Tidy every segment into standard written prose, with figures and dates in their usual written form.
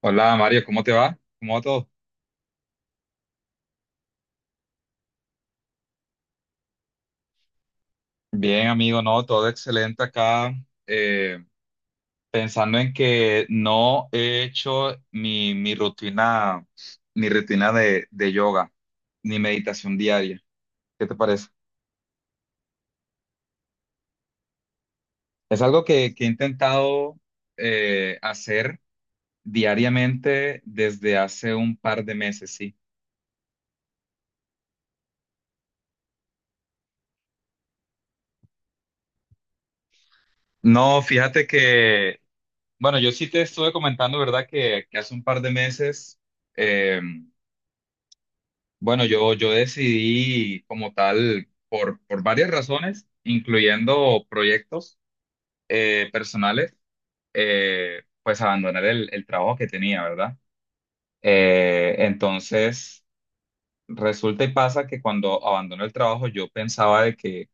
Hola Mario, ¿cómo te va? ¿Cómo va todo? Bien, amigo, no, todo excelente acá. eh, Pensando en que no he hecho mi rutina, mi rutina de yoga, ni meditación diaria. ¿Qué te parece? Es algo que he intentado hacer diariamente desde hace un par de meses, sí. No, fíjate que, bueno, yo sí te estuve comentando, ¿verdad? Que hace un par de meses. em, Bueno, yo decidí como tal por varias razones, incluyendo proyectos personales, pues abandonar el trabajo que tenía, ¿verdad? Entonces, resulta y pasa que cuando abandono el trabajo yo pensaba de que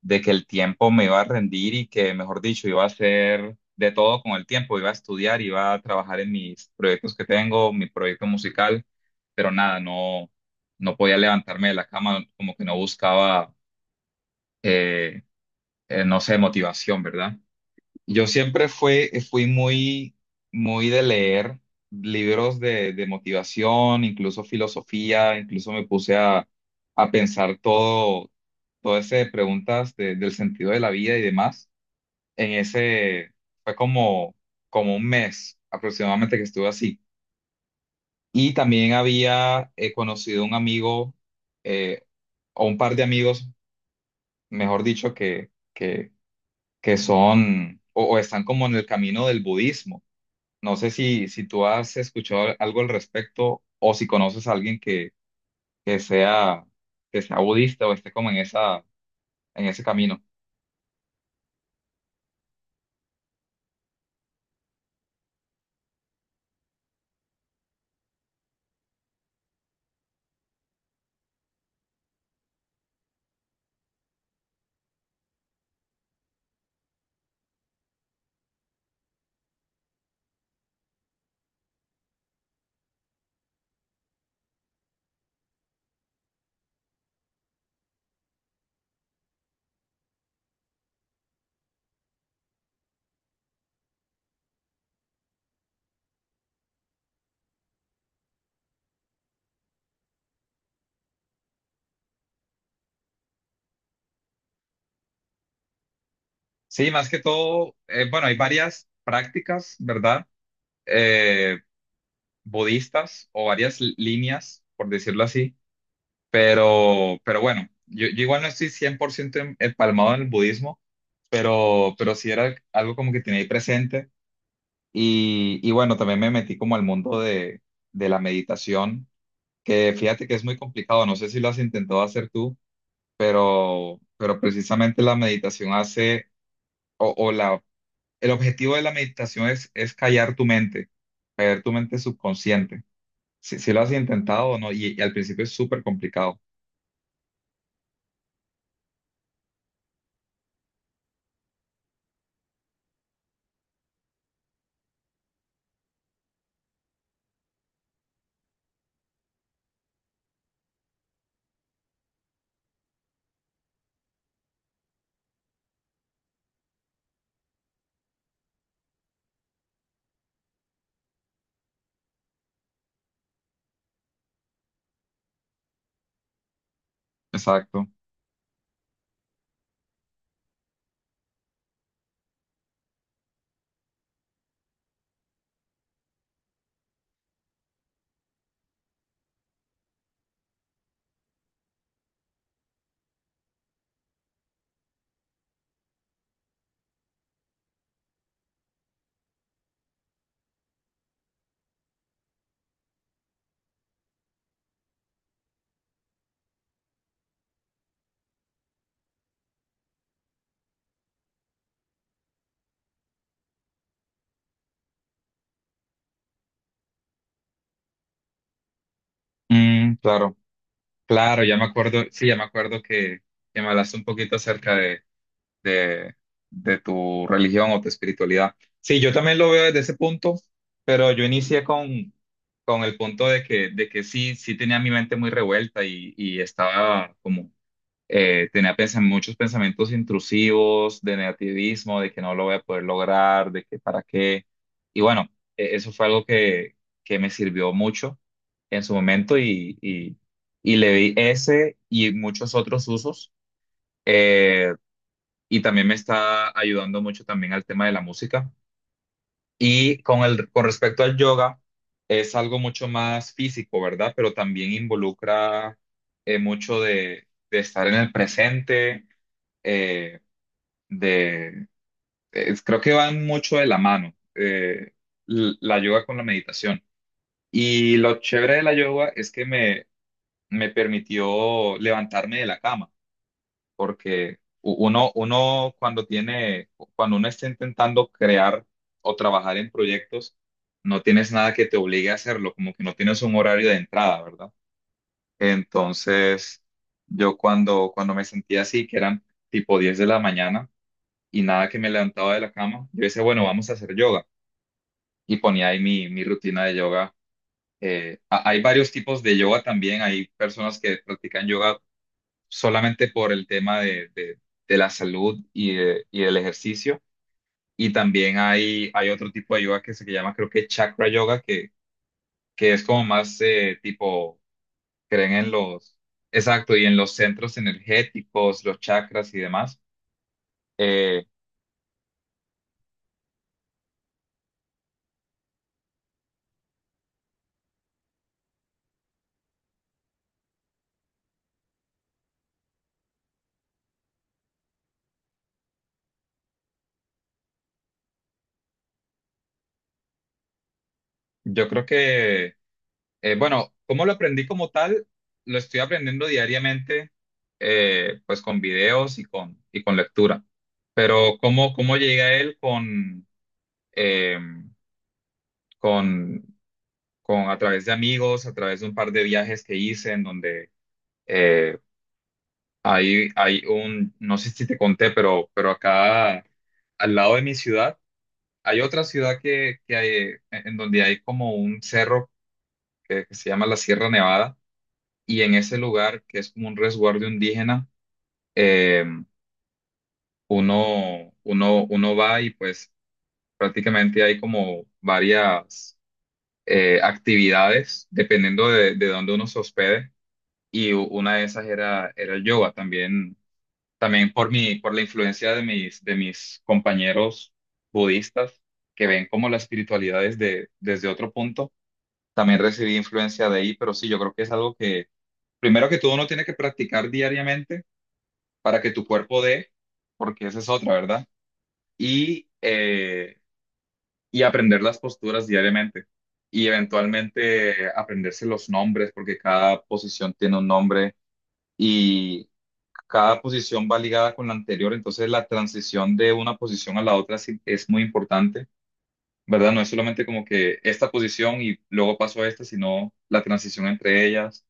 de que el tiempo me iba a rendir y que, mejor dicho, iba a hacer de todo con el tiempo, iba a estudiar, iba a trabajar en mis proyectos que tengo, mi proyecto musical, pero nada, no podía levantarme de la cama, como que no buscaba, eh, no sé, motivación, ¿verdad? Yo siempre fui muy, muy de leer libros de motivación, incluso filosofía, incluso me puse a pensar todo ese de preguntas del sentido de la vida y demás. En ese, Fue como un mes aproximadamente que estuve así. Y también había conocido un amigo, eh, o un par de amigos, mejor dicho, que son o están como en el camino del budismo. No sé si tú has escuchado algo al respecto o si conoces a alguien que sea, que sea budista o esté como en ese camino. Sí, más que todo, bueno, hay varias prácticas, ¿verdad? Eh, Budistas o varias líneas, por decirlo así, pero bueno, yo igual no estoy 100% empalmado en el budismo, pero sí era algo como que tenía ahí presente y bueno, también me metí como al mundo de la meditación que fíjate que es muy complicado, no sé si lo has intentado hacer tú, pero precisamente la meditación hace, o la, el objetivo de la meditación es callar tu mente subconsciente. Si lo has intentado o no, y al principio es súper complicado. Exacto. Mm, claro. Claro, ya me acuerdo, sí, ya me acuerdo que me hablaste un poquito acerca de, de tu religión o tu espiritualidad. Sí, yo también lo veo desde ese punto, pero yo inicié con el punto de que sí, sí tenía mi mente muy revuelta y estaba como tenía muchos pensamientos intrusivos de negativismo, de que no lo voy a poder lograr, de que para qué. Y bueno, eso fue algo que me sirvió mucho en su momento y le di ese y muchos otros usos. Eh, y también me está ayudando mucho también al tema de la música. Y con respecto al yoga, es algo mucho más físico, ¿verdad? Pero también involucra mucho de estar en el presente eh, de, creo que van mucho de la mano, la yoga con la meditación. Y lo chévere de la yoga es que me permitió levantarme de la cama, porque uno cuando uno está intentando crear o trabajar en proyectos, no tienes nada que te obligue a hacerlo, como que no tienes un horario de entrada, ¿verdad? Entonces, yo cuando me sentía así, que eran tipo 10 de la mañana, y nada que me levantaba de la cama, yo decía, bueno, vamos a hacer yoga. Y ponía ahí mi rutina de yoga. Hay varios tipos de yoga también. Hay personas que practican yoga solamente por el tema de la salud y, y del ejercicio. Y también hay otro tipo de yoga que se llama, creo que chakra yoga, que es como más tipo, creen en los, exacto, y en los centros energéticos, los chakras y demás. Eh, yo creo que... bueno, ¿cómo lo aprendí como tal? Lo estoy aprendiendo diariamente, pues con videos y y con lectura. Pero ¿cómo llega él eh, con, con a través de amigos, a través de un par de viajes que hice en donde eh, hay no sé si te conté, pero acá al lado de mi ciudad hay otra ciudad en donde hay como un cerro que se llama la Sierra Nevada y en ese lugar, que es como un resguardo indígena, eh, uno va y pues prácticamente hay como varias actividades dependiendo de dónde uno se hospede y una de esas era el yoga también, también por la influencia de mis compañeros budistas que ven como la espiritualidad desde otro punto, también recibí influencia de ahí, pero sí, yo creo que es algo que primero que todo uno tiene que practicar diariamente para que tu cuerpo dé, porque esa es otra, ¿verdad? Y, eh, y aprender las posturas diariamente y eventualmente aprenderse los nombres, porque cada posición tiene un nombre y cada posición va ligada con la anterior, entonces la transición de una posición a la otra sí es muy importante, ¿verdad? No es solamente como que esta posición y luego paso a esta, sino la transición entre ellas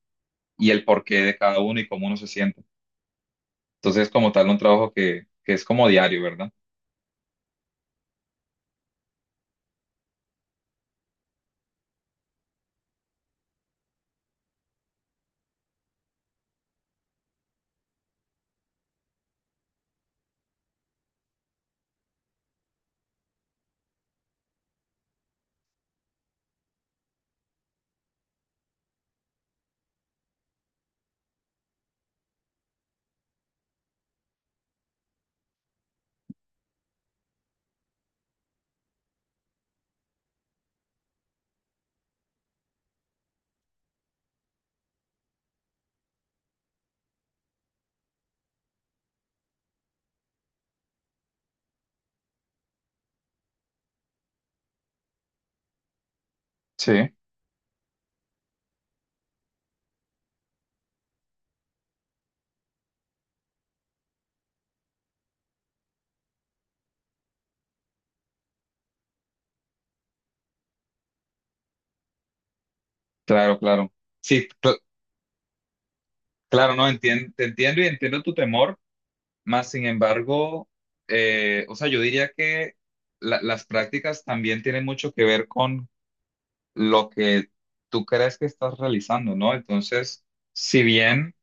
y el porqué de cada uno y cómo uno se siente. Entonces, como tal, un trabajo que es como diario, ¿verdad? Sí. Claro, claro. Sí, claro, no, te entiendo y entiendo tu temor, más sin embargo, o sea, yo diría que las prácticas también tienen mucho que ver con lo que tú crees que estás realizando, ¿no? Entonces, si bien,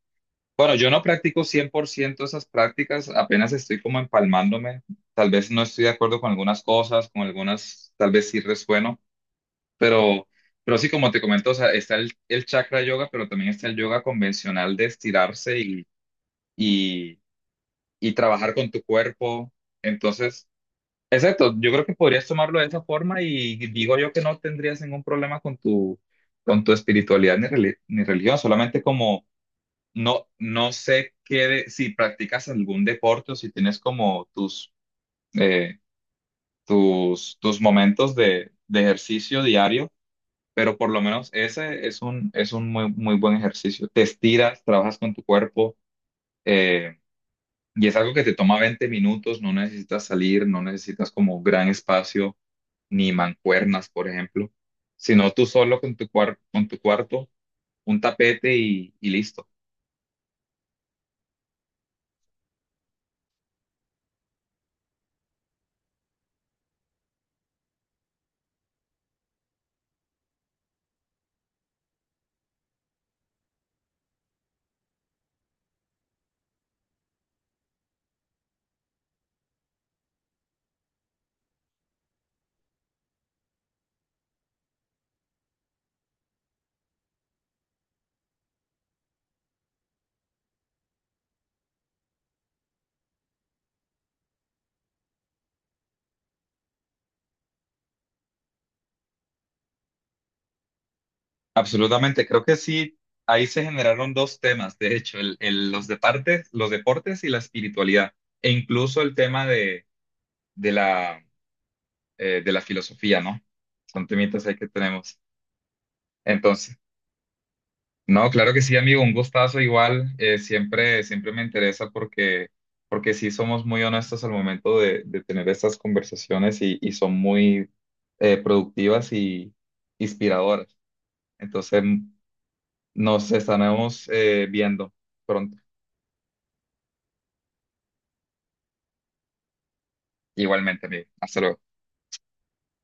bueno, yo no practico 100% esas prácticas, apenas estoy como empalmándome, tal vez no estoy de acuerdo con algunas cosas, con algunas, tal vez sí resueno. Pero, pero sí, como te comento, o sea, está el chakra yoga, pero también está el yoga convencional de estirarse y, y trabajar con tu cuerpo. Entonces, exacto, yo creo que podrías tomarlo de esa forma y digo yo que no tendrías ningún problema con tu espiritualidad ni religión, solamente como no sé qué, si practicas algún deporte o si tienes como tus, eh, tus momentos de ejercicio diario pero por lo menos ese es un muy, muy buen ejercicio. Te estiras, trabajas con tu cuerpo eh, y es algo que te toma 20 minutos, no necesitas salir, no necesitas como gran espacio ni mancuernas, por ejemplo, sino tú solo con tu cuarto, un tapete y listo. Absolutamente, creo que sí, ahí se generaron dos temas, de hecho, los deportes y la espiritualidad, e incluso el tema de la de la filosofía, ¿no? Son temitas ahí que tenemos. Entonces, no, claro que sí, amigo, un gustazo igual. Siempre me interesa porque sí somos muy honestos al momento de tener estas conversaciones y son muy productivas y inspiradoras. Entonces, nos estaremos viendo pronto. Igualmente, amigo. Hasta luego.